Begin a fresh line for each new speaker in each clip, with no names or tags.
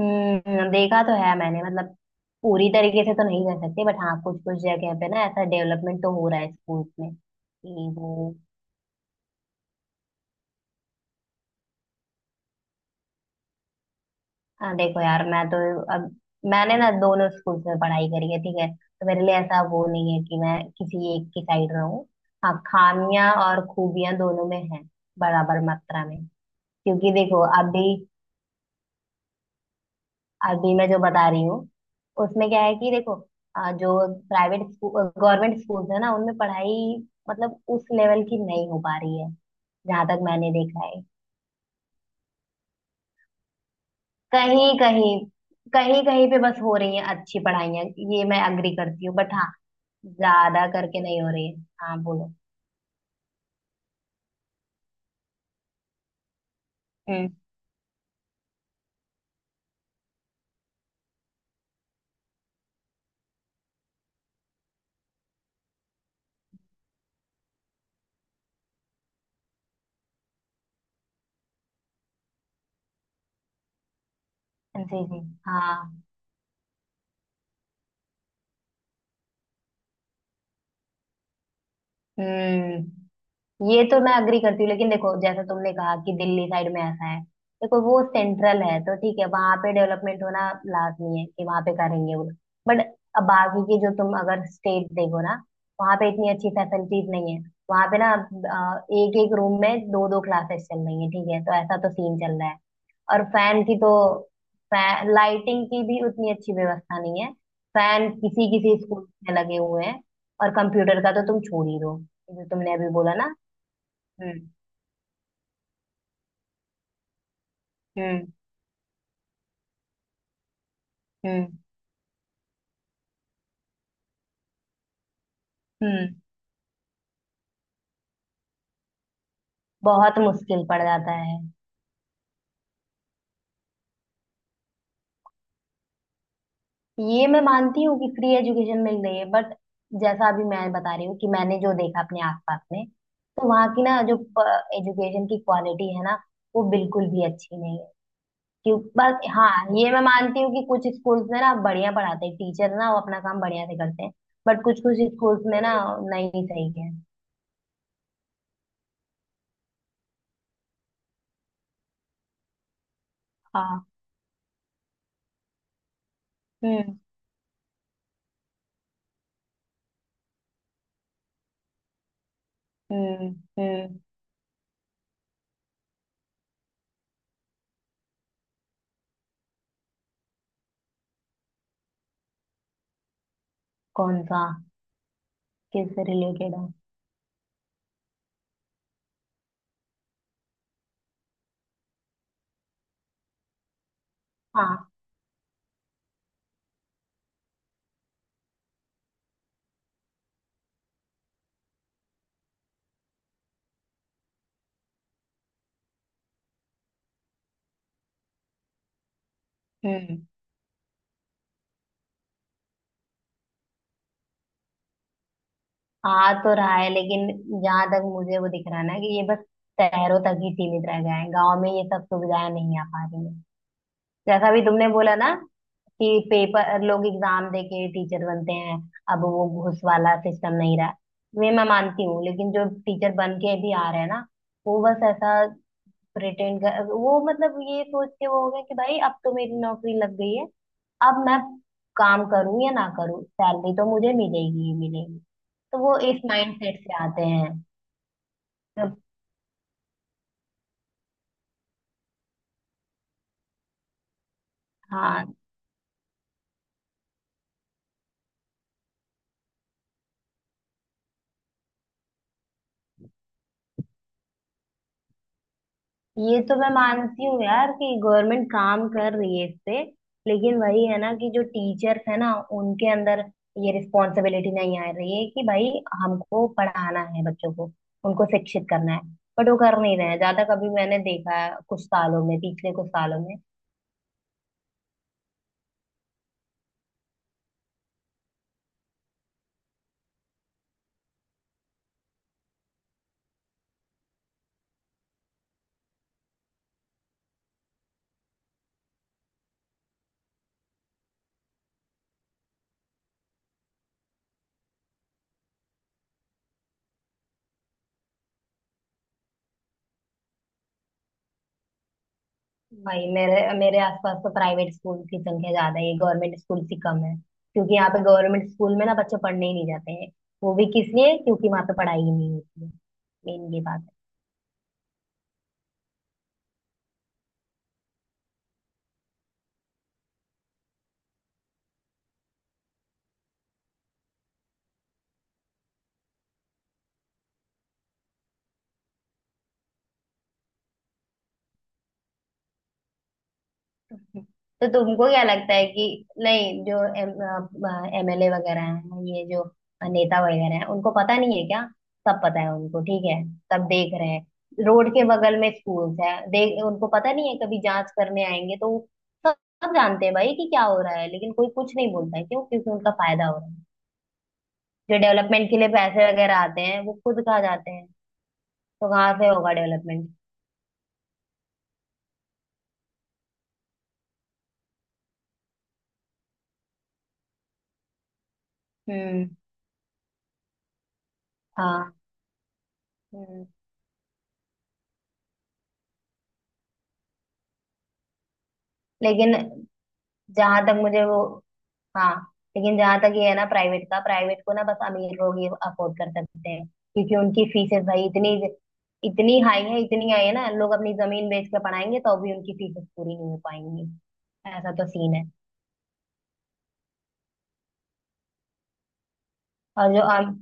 हम्म। देखा तो है मैंने, मतलब पूरी तरीके से तो नहीं कर सकते, बट हाँ कुछ कुछ जगह पे ना ऐसा डेवलपमेंट तो हो रहा है स्कूल्स में कि वो। हाँ देखो यार, मैं तो, अब मैंने ना दोनों स्कूल्स में पढ़ाई करी है ठीक है, तो मेरे लिए ऐसा वो नहीं है कि मैं किसी एक की साइड रहूं। हाँ, खामियां और खूबियां दोनों में है, बराबर मात्रा में। क्योंकि देखो, अभी अभी मैं जो बता रही हूँ उसमें क्या है कि देखो, जो प्राइवेट स्कूल, गवर्नमेंट स्कूल है ना, उनमें पढ़ाई, मतलब उस लेवल की नहीं हो पा रही है, जहां तक मैंने देखा है। कहीं कहीं कहीं कहीं पे बस हो रही है अच्छी पढ़ाइयाँ। ये मैं अग्री करती हूँ, बट हाँ, ज्यादा करके नहीं हो रही है। हाँ बोलो। हम्म। जी जी। हाँ। हम्म। ये तो मैं अग्री करती हूँ, लेकिन देखो जैसा तुमने कहा कि दिल्ली साइड में ऐसा है। देखो वो सेंट्रल है तो ठीक है, वहां पे डेवलपमेंट होना लाजमी है कि वहां पे करेंगे वो। बट अब बाकी के जो, तुम अगर स्टेट देखो ना, वहां पे इतनी अच्छी फैसिलिटीज नहीं है। वहां पे ना एक एक रूम में दो दो क्लासेस चल रही है, ठीक है, तो ऐसा तो सीन चल रहा है। और फैन की तो, फैन लाइटिंग की भी उतनी अच्छी व्यवस्था नहीं है। फैन किसी किसी स्कूल में लगे हुए हैं। और कंप्यूटर का तो तुम छोड़ ही दो, जो तुमने अभी बोला ना। हम्म। हम्म। हम्म। हम्म। बहुत मुश्किल पड़ जाता है। ये मैं मानती हूँ कि फ्री एजुकेशन मिल रही है, बट जैसा अभी मैं बता रही हूँ कि मैंने जो देखा अपने आसपास में, तो वहाँ की ना जो एजुकेशन की क्वालिटी है ना, वो बिल्कुल भी अच्छी नहीं है। क्यों, बस हाँ, ये मैं मानती हूँ कि कुछ स्कूल्स में ना बढ़िया पढ़ाते हैं टीचर, ना वो अपना काम बढ़िया से करते हैं, बट कुछ कुछ स्कूल्स में ना नहीं सही है। हाँ। हम्म। हम्म। हम्म। कौन सा? किससे रिलेटेड है? हाँ, आ तो रहा है, लेकिन जहां तक मुझे वो दिख रहा है ना, कि ये बस शहरों तक ही सीमित रह गया है, गांव में ये सब सुविधाएं नहीं आ पा रही है। जैसा भी तुमने बोला ना, कि पेपर लोग एग्जाम देके टीचर बनते हैं, अब वो घूस वाला सिस्टम नहीं रहा, ये मैं मानती हूँ। लेकिन जो टीचर बन के भी आ रहे हैं ना, वो बस ऐसा प्रिटेंड कर, वो मतलब ये सोच के वो हो गया कि भाई अब तो मेरी नौकरी लग गई है, अब मैं काम करूं या ना करूं, सैलरी तो मुझे मिलेगी ही मिलेगी, तो वो इस माइंड सेट से आते हैं तो। हाँ, ये तो मैं मानती हूँ यार कि गवर्नमेंट काम कर रही है इस पे, लेकिन वही है ना कि जो टीचर्स है ना, उनके अंदर ये रिस्पॉन्सिबिलिटी नहीं आ रही है कि भाई हमको पढ़ाना है बच्चों को, उनको शिक्षित करना है, बट वो कर नहीं रहे हैं ज्यादा। कभी मैंने देखा है, कुछ सालों में, पिछले कुछ सालों में। भाई मेरे मेरे आसपास तो प्राइवेट स्कूल की संख्या ज्यादा है, गवर्नमेंट स्कूल से कम है, क्योंकि यहाँ पे गवर्नमेंट स्कूल में ना बच्चे पढ़ने ही नहीं जाते हैं। वो भी किस लिए? क्योंकि वहाँ पे पढ़ाई ही नहीं होती है। मेन ये बात है। तो तुमको क्या लगता है कि, नहीं जो एमएलए वगैरह हैं, ये जो नेता वगैरह हैं, उनको पता नहीं है क्या? सब पता है उनको, ठीक है। सब देख रहे हैं, रोड के बगल में स्कूल्स है, देख उनको पता नहीं है कभी जांच करने आएंगे तो? सब सब जानते हैं भाई कि क्या हो रहा है, लेकिन कोई कुछ नहीं बोलता है। क्यों? क्योंकि उनका फायदा हो रहा है। जो डेवलपमेंट के लिए पैसे वगैरह आते हैं वो खुद खा जाते हैं, तो कहाँ से होगा डेवलपमेंट? हम्म। हाँ। हम्म। लेकिन जहां तक मुझे वो, हाँ, लेकिन जहां तक ये है ना, प्राइवेट का, प्राइवेट को ना बस अमीर लोग ही अफोर्ड कर सकते हैं, क्योंकि उनकी फीसें भाई इतनी, इतनी हाई है, इतनी हाई है ना, लोग अपनी जमीन बेच के पढ़ाएंगे तो भी उनकी फीसें पूरी नहीं हो पाएंगी, ऐसा तो सीन है। और जो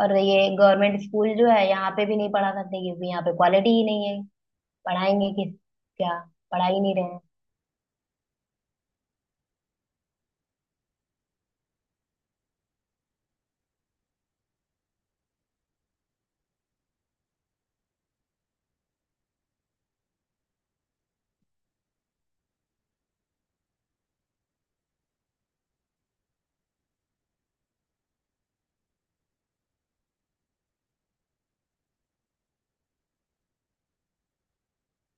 और ये गवर्नमेंट स्कूल जो है, यहाँ पे भी नहीं पढ़ा सकते, क्योंकि यहाँ पे क्वालिटी ही नहीं है। पढ़ाएंगे किस? क्या? पढ़ा ही नहीं रहे हैं।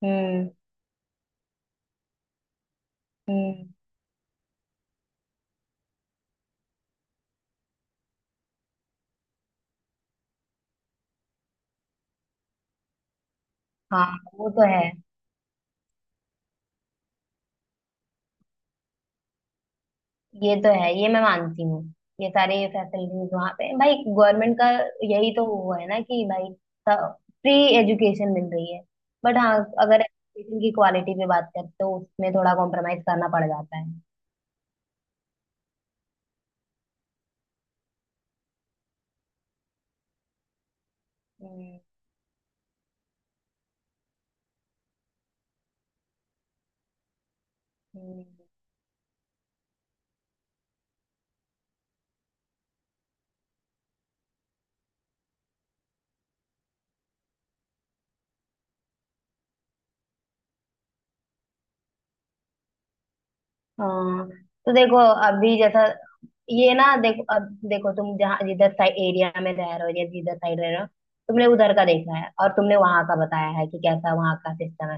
हम्म। हम्म। हाँ। वो तो है। ये तो है, ये मैं मानती हूँ। ये सारे फैसिलिटीज वहां पे हैं। भाई गवर्नमेंट का, यही तो वो है ना कि भाई फ्री एजुकेशन मिल रही है। बट हाँ, अगर एजुकेशन की क्वालिटी पे बात करें तो उसमें थोड़ा कॉम्प्रोमाइज करना पड़ जाता है। हम्म। हम्म। हाँ। तो देखो, अभी जैसा ये ना, देखो अब, देखो तुम जहाँ, जिधर साइड एरिया में रह रहे हो, या जिधर साइड रह रहे हो, तुमने उधर का देखा है और तुमने वहां का बताया है कि कैसा वहां का सिस्टम है।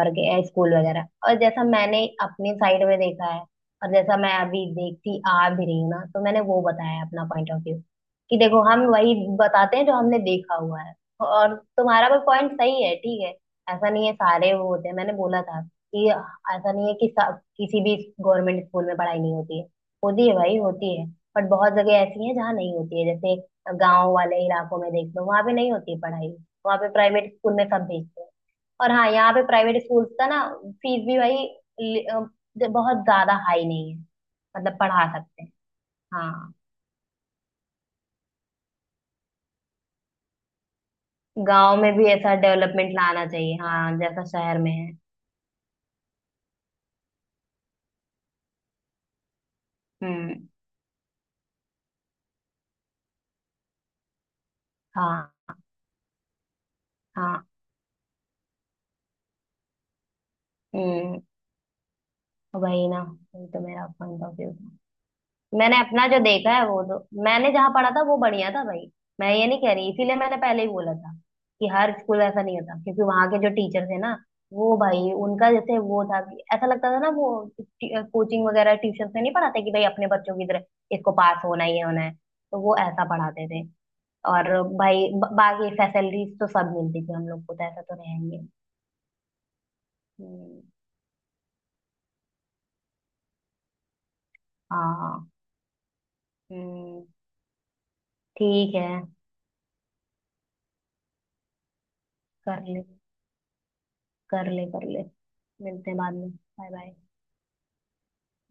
और स्कूल वगैरह, और जैसा मैंने अपनी साइड में देखा है, और जैसा मैं अभी देखती आ भी रही हूँ ना, तो मैंने वो बताया है अपना पॉइंट ऑफ व्यू, कि देखो हम वही बताते हैं जो हमने देखा हुआ है। और तुम्हारा भी पॉइंट सही है, ठीक है। ऐसा नहीं है सारे वो होते हैं, मैंने बोला था कि ऐसा नहीं है कि किसी भी गवर्नमेंट स्कूल में पढ़ाई नहीं होती है। होती है भाई, होती है। बट बहुत जगह ऐसी है जहाँ नहीं होती है, जैसे गांव वाले इलाकों में देख लो, वहां पे नहीं होती है पढ़ाई। वहां पे प्राइवेट स्कूल में सब भेजते हैं। और हाँ, यहाँ पे प्राइवेट स्कूल का ना, फीस भी भाई लि- अ, बहुत ज्यादा हाई नहीं है, मतलब पढ़ा सकते हैं। हाँ, गांव में भी ऐसा डेवलपमेंट लाना चाहिए हाँ, जैसा शहर में है। हम्म। हाँ। हाँ। हम्म। वही ना, वही तो मेरा पॉइंट ऑफ व्यू। मैंने अपना जो देखा है वो तो, मैंने जहाँ पढ़ा था वो बढ़िया था भाई, मैं ये नहीं कह रही, इसीलिए मैंने पहले ही बोला था कि हर स्कूल ऐसा नहीं होता। क्योंकि वहां के जो टीचर थे ना, वो भाई उनका, जैसे वो था कि ऐसा लगता था ना वो, कोचिंग वगैरह ट्यूशन से नहीं पढ़ाते, कि भाई अपने बच्चों की तरह इसको पास होना ही होना है, तो वो ऐसा पढ़ाते थे। और भाई बाकी फैसिलिटीज तो सब मिलती थी हम लोग को, तो ऐसा तो रहेंगे। हम्म। हाँ। हम्म। ठीक है। कर ले, कर ले, कर ले। मिलते हैं बाद में, बाय बाय।